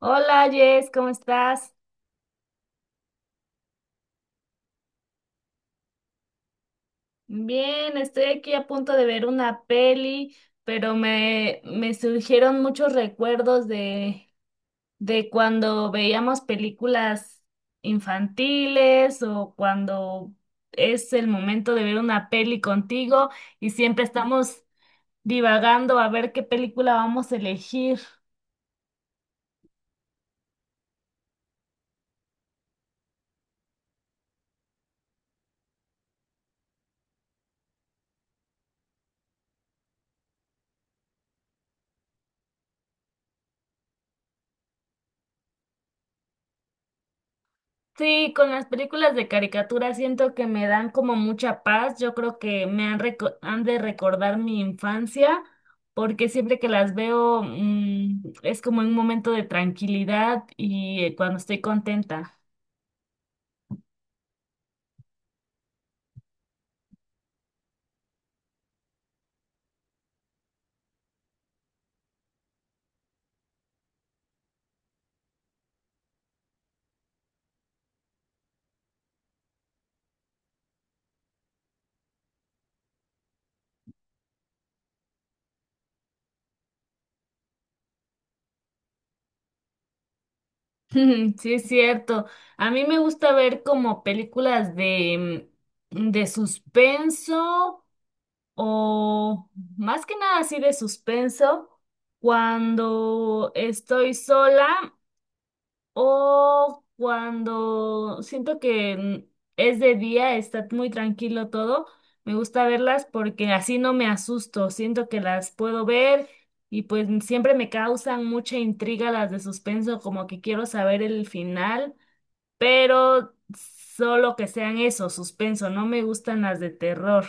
Hola Jess, ¿cómo estás? Bien, estoy aquí a punto de ver una peli, pero me surgieron muchos recuerdos de cuando veíamos películas infantiles o cuando es el momento de ver una peli contigo y siempre estamos divagando a ver qué película vamos a elegir. Sí, con las películas de caricatura siento que me dan como mucha paz. Yo creo que han de recordar mi infancia, porque siempre que las veo, mm, es como un momento de tranquilidad y, cuando estoy contenta. Sí, es cierto. A mí me gusta ver como películas de, mm, de suspenso, o más que nada así de suspenso cuando estoy sola. O cuando siento que es de día, está muy tranquilo todo, me gusta verlas porque así no me asusto, siento que las puedo ver y siempre me causan mucha intriga las de suspenso, como que quiero saber el final, pero solo que sean eso, suspenso, no me gustan las de terror.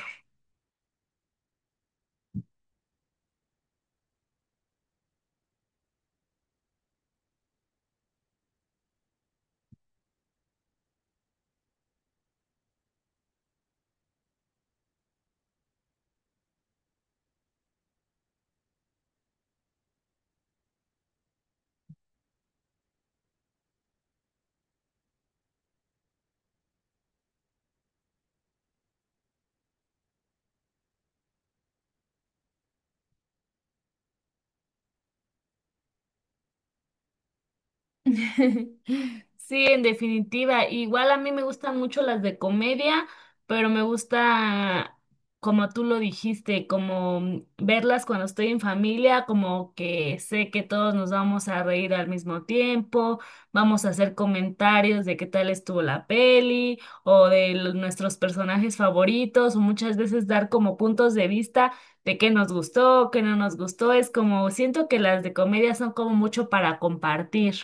Sí, en definitiva. Igual a mí me gustan mucho las de comedia, pero me gusta, como tú lo dijiste, verlas cuando estoy en familia, como que sé que todos nos vamos a reír al mismo tiempo, vamos a hacer comentarios de qué tal estuvo la peli o de nuestros personajes favoritos, o muchas veces dar como puntos de vista de qué nos gustó, qué no nos gustó. Es como, siento que las de comedia son como mucho para compartir.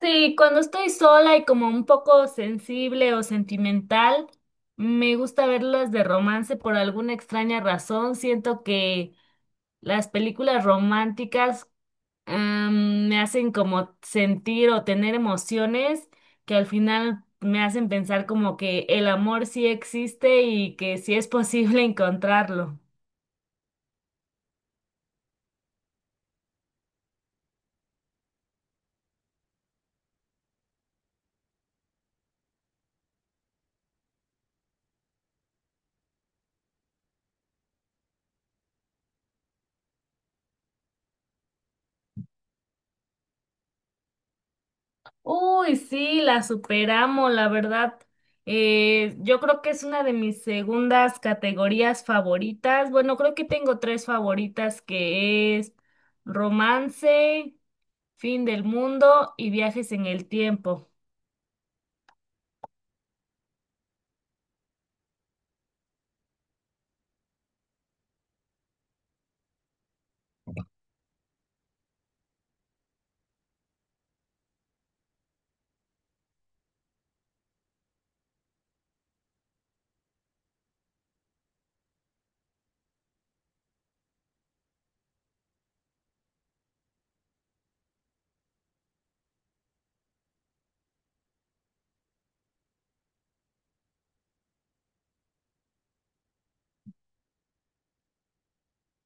Sí, cuando estoy sola y como un poco sensible o sentimental, me gusta verlas de romance por alguna extraña razón. Siento que las películas románticas me hacen como sentir o tener emociones que al final me hacen pensar como que el amor sí existe y que sí es posible encontrarlo. Uy, sí, la superamos, la verdad. Yo creo que es una de mis segundas categorías favoritas. Bueno, creo que tengo tres favoritas que es romance, fin del mundo y viajes en el tiempo.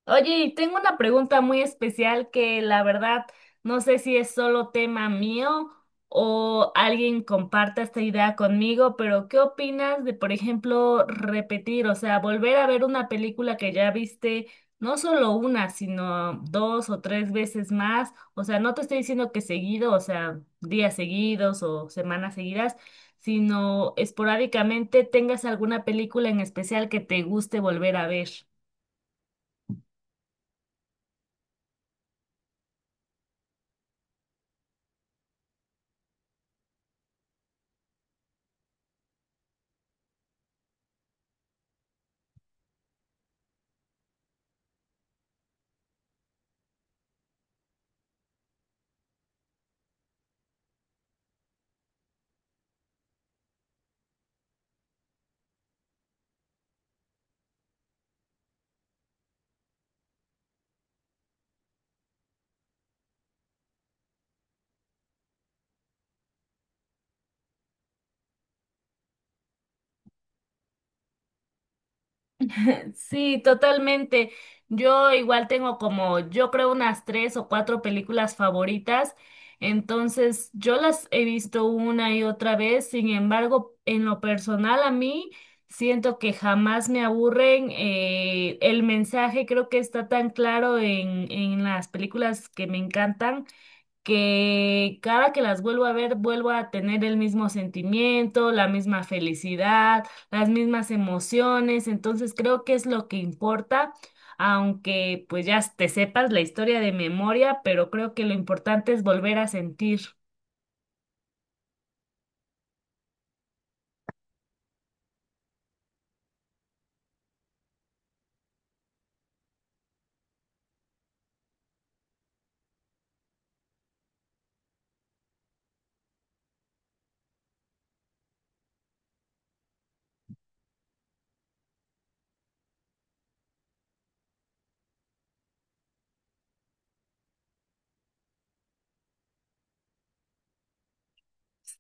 Oye, y tengo una pregunta muy especial que la verdad no sé si es solo tema mío o alguien comparta esta idea conmigo, pero ¿qué opinas de, por ejemplo, repetir, o sea, volver a ver una película que ya viste no solo una, sino dos o tres veces más? O sea, no te estoy diciendo que seguido, o sea, días seguidos o semanas seguidas, sino esporádicamente tengas alguna película en especial que te guste volver a ver. Sí, totalmente. Yo igual tengo como, yo creo, unas tres o cuatro películas favoritas, entonces yo las he visto una y otra vez. Sin embargo, en lo personal a mí siento que jamás me aburren. El mensaje creo que está tan claro en las películas que me encantan, que cada que las vuelvo a ver, vuelvo a tener el mismo sentimiento, la misma felicidad, las mismas emociones. Entonces creo que es lo que importa, aunque pues ya te sepas la historia de memoria, pero creo que lo importante es volver a sentir.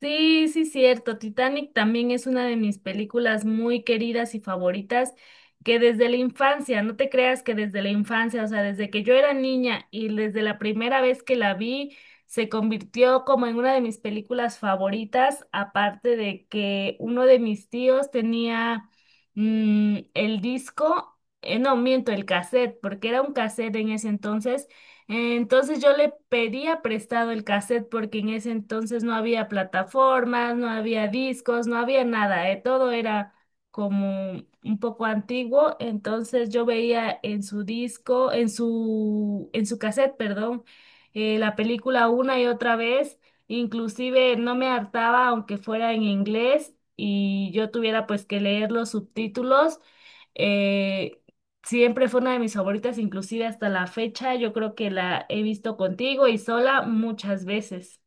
Sí, sí, cierto. Titanic también es una de mis películas muy queridas y favoritas que desde la infancia. No te creas que desde la infancia, o sea, desde que yo era niña y desde la primera vez que la vi, se convirtió como en una de mis películas favoritas, aparte de que uno de mis tíos tenía, mm, el disco, no miento, el cassette, porque era un cassette en ese entonces. Entonces yo le pedía prestado el cassette porque en ese entonces no había plataformas, no había discos, no había nada. Todo era como un poco antiguo, entonces yo veía en su disco, en su cassette, perdón, la película una y otra vez, inclusive no me hartaba aunque fuera en inglés y yo tuviera pues que leer los subtítulos. eh, Siempre fue una de mis favoritas, inclusive hasta la fecha. Yo creo que la he visto contigo y sola muchas veces.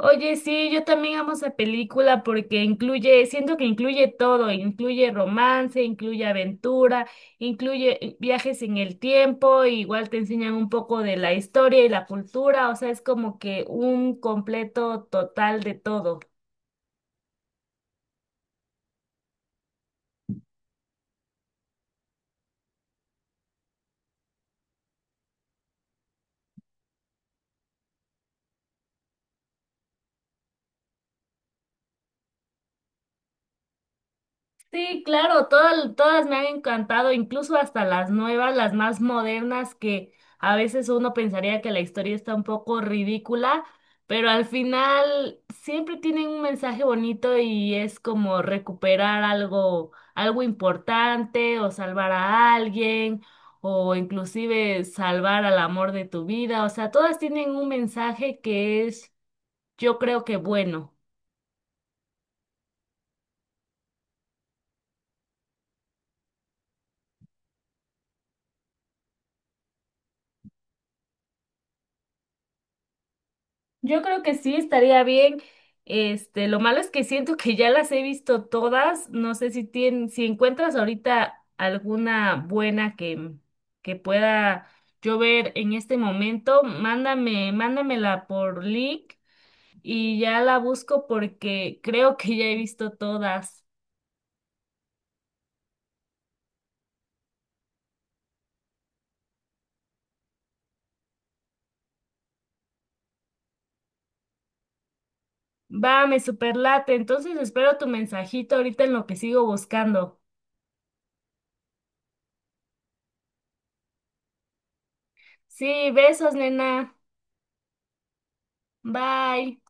Oye, sí, yo también amo esa película porque incluye, siento que incluye todo, incluye romance, incluye aventura, incluye viajes en el tiempo, igual te enseñan un poco de la historia y la cultura, o sea, es como que un completo total de todo. Sí, claro, todas, todas me han encantado, incluso hasta las nuevas, las más modernas, que a veces uno pensaría que la historia está un poco ridícula, pero al final siempre tienen un mensaje bonito y es como recuperar algo, algo importante, o salvar a alguien o inclusive salvar al amor de tu vida. O sea, todas tienen un mensaje que es, yo creo que bueno. Yo creo que sí estaría bien. Este, lo malo es que siento que ya las he visto todas. No sé si encuentras ahorita alguna buena que pueda yo ver en este momento, mándamela por link y ya la busco porque creo que ya he visto todas. Va, me superlate. Entonces espero tu mensajito ahorita en lo que sigo buscando. Sí, besos, nena. Bye.